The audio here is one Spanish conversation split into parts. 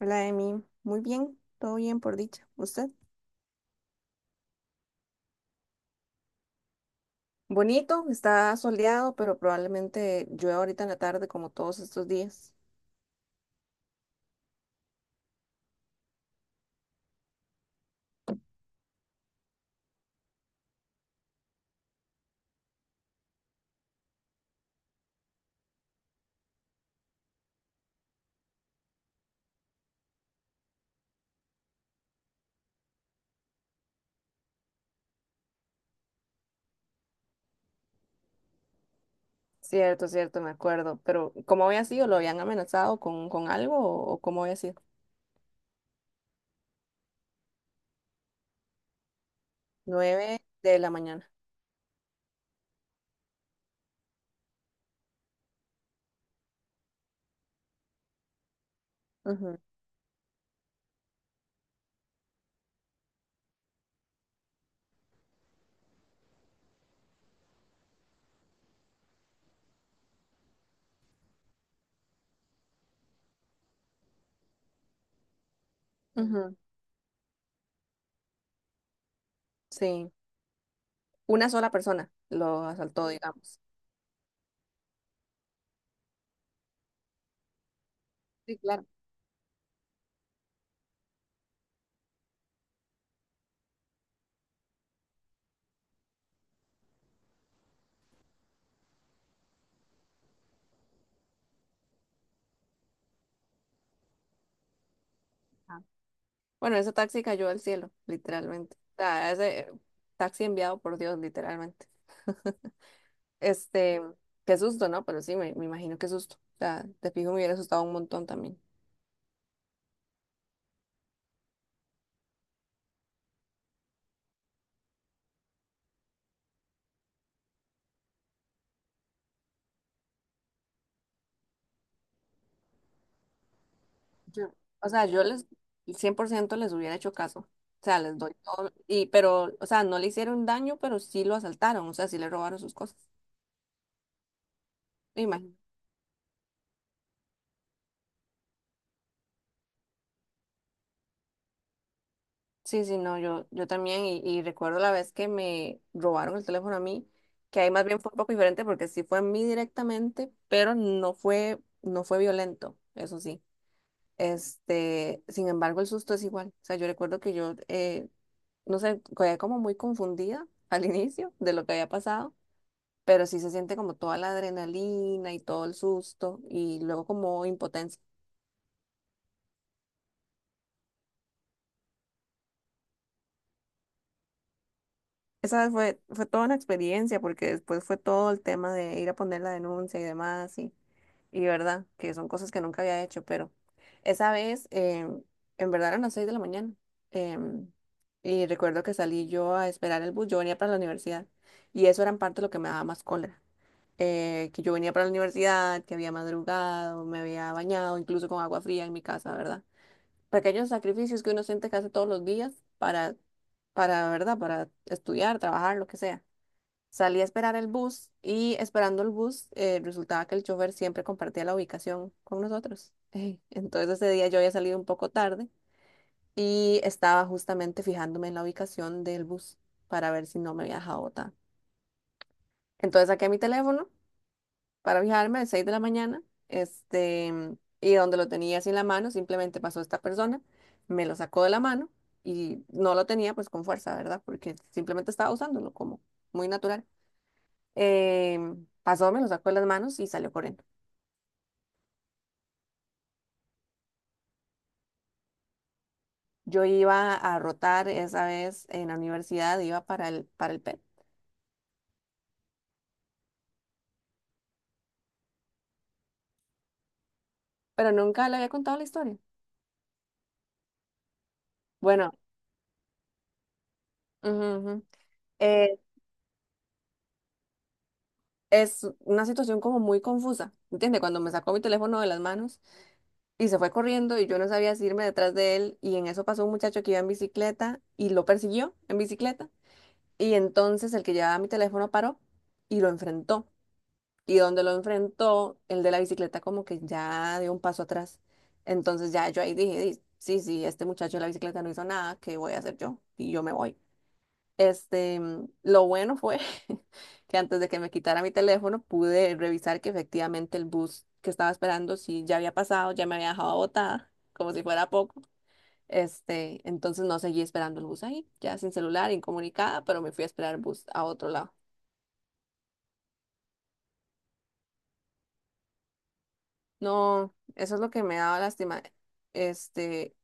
Hola, Emi. Muy bien, todo bien por dicha. ¿Usted? Bonito, está soleado, pero probablemente llueva ahorita en la tarde como todos estos días. Cierto, cierto, me acuerdo. Pero ¿cómo había sido? ¿Lo habían amenazado con algo o cómo había sido? Nueve de la mañana. Ujú, ujú, sí, una sola persona lo asaltó, digamos. Sí, claro. Ajá. Bueno, ese taxi cayó al cielo, literalmente. O sea, ese taxi enviado por Dios, literalmente. Este, qué susto, ¿no? Pero sí, me imagino qué susto. O sea, te fijo, me hubiera asustado un montón también. Yo, o sea, yo les, 100% les hubiera hecho caso. O sea, les doy todo. Y, pero, o sea, no le hicieron daño, pero sí lo asaltaron. O sea, sí le robaron sus cosas. Me imagino. Sí, sí, no, yo también. Y recuerdo la vez que me robaron el teléfono a mí, que ahí más bien fue un poco diferente porque sí fue a mí directamente, pero no fue violento, eso sí. Este, sin embargo, el susto es igual. O sea, yo recuerdo que yo, no sé, quedé como muy confundida al inicio de lo que había pasado, pero sí se siente como toda la adrenalina y todo el susto y luego como impotencia. Esa vez fue toda una experiencia porque después fue todo el tema de ir a poner la denuncia y demás y verdad, que son cosas que nunca había hecho, pero esa vez, en verdad eran las 6 de la mañana em, y recuerdo que salí yo a esperar el bus, yo venía para la universidad y eso era en parte lo que me daba más cólera, que yo venía para la universidad, que había madrugado, me había bañado incluso con agua fría en mi casa, ¿verdad? Pequeños sacrificios que uno siente que hace todos los días para, ¿verdad? Para estudiar, trabajar, lo que sea. Salí a esperar el bus y esperando el bus, resultaba que el chofer siempre compartía la ubicación con nosotros. Ey, entonces ese día yo había salido un poco tarde y estaba justamente fijándome en la ubicación del bus para ver si no me había dejado botada. Entonces saqué mi teléfono para fijarme a las 6 de la mañana, y donde lo tenía así en la mano, simplemente pasó esta persona, me lo sacó de la mano y no lo tenía pues con fuerza, ¿verdad? Porque simplemente estaba usándolo como muy natural. Pasó, me lo sacó de las manos y salió corriendo. Yo iba a rotar esa vez en la universidad, iba para para el PET, pero nunca le había contado la historia. Bueno, ujú, ujú. Eh, es una situación como muy confusa, ¿entiendes? Cuando me sacó mi teléfono de las manos, y se fue corriendo y yo no sabía si irme detrás de él y en eso pasó un muchacho que iba en bicicleta y lo persiguió en bicicleta y entonces el que llevaba mi teléfono paró y lo enfrentó y donde lo enfrentó el de la bicicleta como que ya dio un paso atrás, entonces ya yo ahí dije: "Di- sí, sí, este muchacho de la bicicleta no hizo nada, ¿qué voy a hacer yo?" Y yo me voy. Lo bueno fue que antes de que me quitara mi teléfono pude revisar que efectivamente el bus que estaba esperando sí ya había pasado, ya me había dejado botada, como si fuera poco. Este, entonces no seguí esperando el bus ahí, ya sin celular, incomunicada, pero me fui a esperar el bus a otro lado. No, eso es lo que me daba lástima. Este,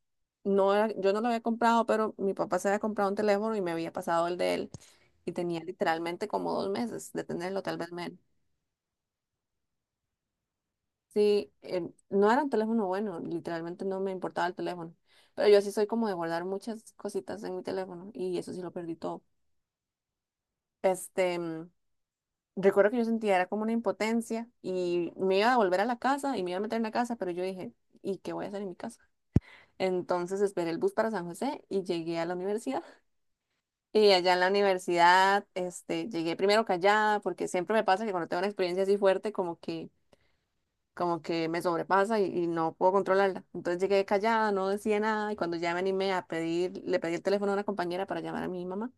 no era- yo no lo había comprado, pero mi papá se había comprado un teléfono y me había pasado el de él y tenía literalmente como 2 meses de tenerlo, tal vez menos. Sí, no era un teléfono bueno, literalmente no me importaba el teléfono, pero yo sí soy como de guardar muchas cositas en mi teléfono y eso sí lo perdí todo. Este, mm, Recuerdo que yo sentía era como una impotencia y me iba a volver a la casa y me iba a meter en la casa, pero yo dije, ¿y qué voy a hacer en mi casa? Entonces esperé el bus para San José y llegué a la universidad. Y allá en la universidad, este, llegué primero callada porque siempre me pasa que cuando tengo una experiencia así fuerte, como que me sobrepasa y no puedo controlarla. Entonces llegué callada, no decía nada y cuando ya me animé a pedir, le pedí el teléfono a una compañera para llamar a mi mamá,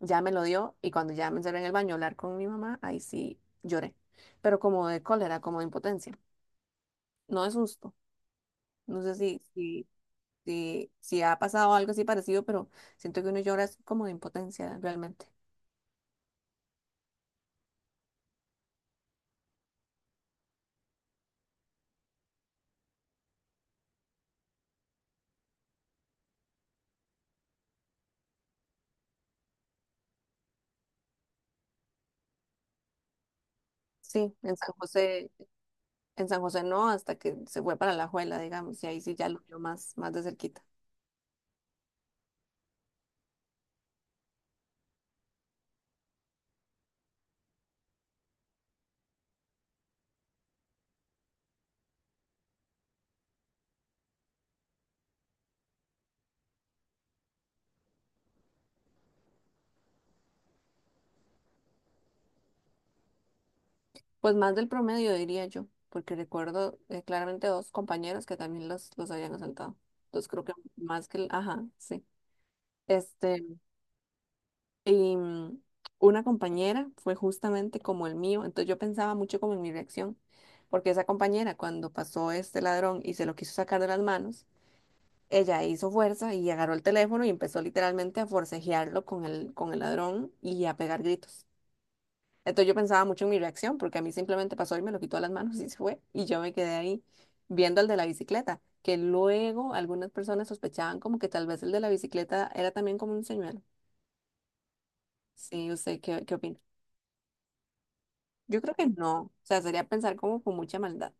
ya me lo dio y cuando ya me encerré en el baño a hablar con mi mamá, ahí sí lloré, pero como de cólera, como de impotencia, no de susto. No sé si, si ha pasado algo así parecido, pero siento que uno llora es como de impotencia realmente. Sí, en San José no, hasta que se fue para La Juela, digamos, y ahí sí ya lo vio más, más de cerquita. Pues más del promedio, diría yo, porque recuerdo claramente dos compañeros que también los habían asaltado. Entonces creo que más que el, ajá, sí. Este, y mm, una compañera fue justamente como el mío, entonces yo pensaba mucho como en mi reacción, porque esa compañera cuando pasó este ladrón y se lo quiso sacar de las manos, ella hizo fuerza y agarró el teléfono y empezó literalmente a forcejearlo con con el ladrón y a pegar gritos. Entonces yo pensaba mucho en mi reacción, porque a mí simplemente pasó y me lo quitó de las manos y se fue. Y yo me quedé ahí viendo al de la bicicleta, que luego algunas personas sospechaban como que tal vez el de la bicicleta era también como un señuelo. Sí, usted qué opina? Yo creo que no. O sea, sería pensar como con mucha maldad.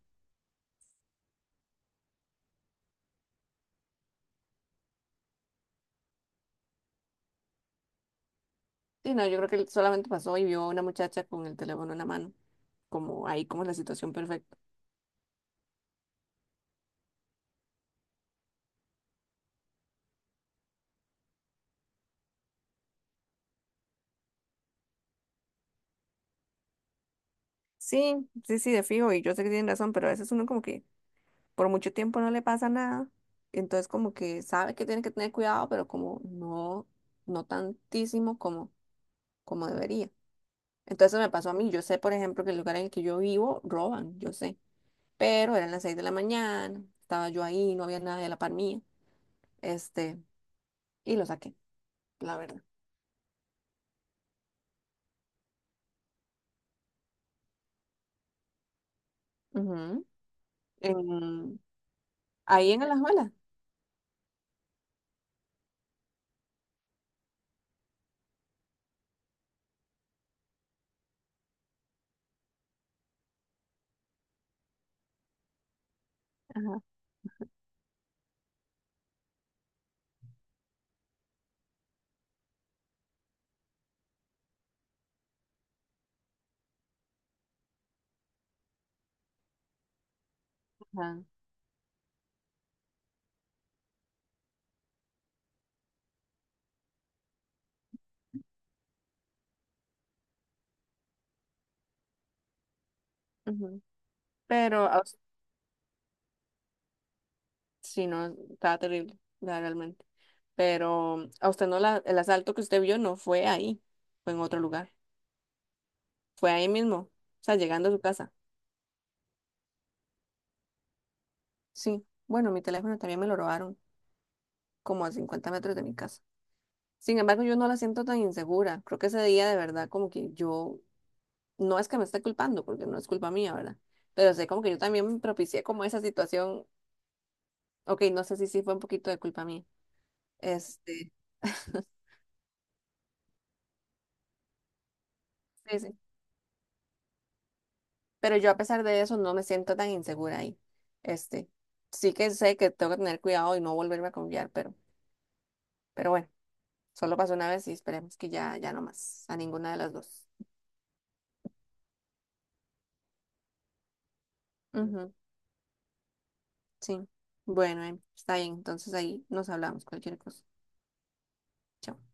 Sí, no, yo creo que él solamente pasó y vio a una muchacha con el teléfono en la mano, como ahí como la situación perfecta. Sí, sí, sí, de fijo, y yo sé que tienen razón, pero a veces uno como que por mucho tiempo no le pasa nada, entonces como que sabe que tiene que tener cuidado, pero como no, no tantísimo como, como debería. Entonces eso me pasó a mí, yo sé, por ejemplo, que el lugar en el que yo vivo roban, yo sé, pero eran las 6 de la mañana, estaba yo ahí, no había nadie a la par mía, este, y lo saqué, la verdad. Ujú. En- ahí en Alajuela. Ajá, ajá, ujú. Pero, sí, no, estaba terrible, la- realmente. Pero a usted no, el asalto que usted vio no fue ahí, fue en otro lugar. Fue ahí mismo, o sea, llegando a su casa. Sí, bueno, mi teléfono también me lo robaron, como a 50 metros de mi casa. Sin embargo, yo no la siento tan insegura. Creo que ese día de verdad como que yo, no es que me esté culpando, porque no es culpa mía, ¿verdad? Pero sé como que yo también propicié como esa situación. Ok, no sé si sí fue un poquito de culpa mía. Este, sí, sí. Pero yo a pesar de eso no me siento tan insegura ahí. Este, sí que sé que tengo que tener cuidado y no volverme a confiar, pero bueno, solo pasó una vez y esperemos que ya, ya no más, a ninguna de las dos. Ujú, sí. Bueno, está bien, entonces ahí nos hablamos, cualquier cosa. Chao.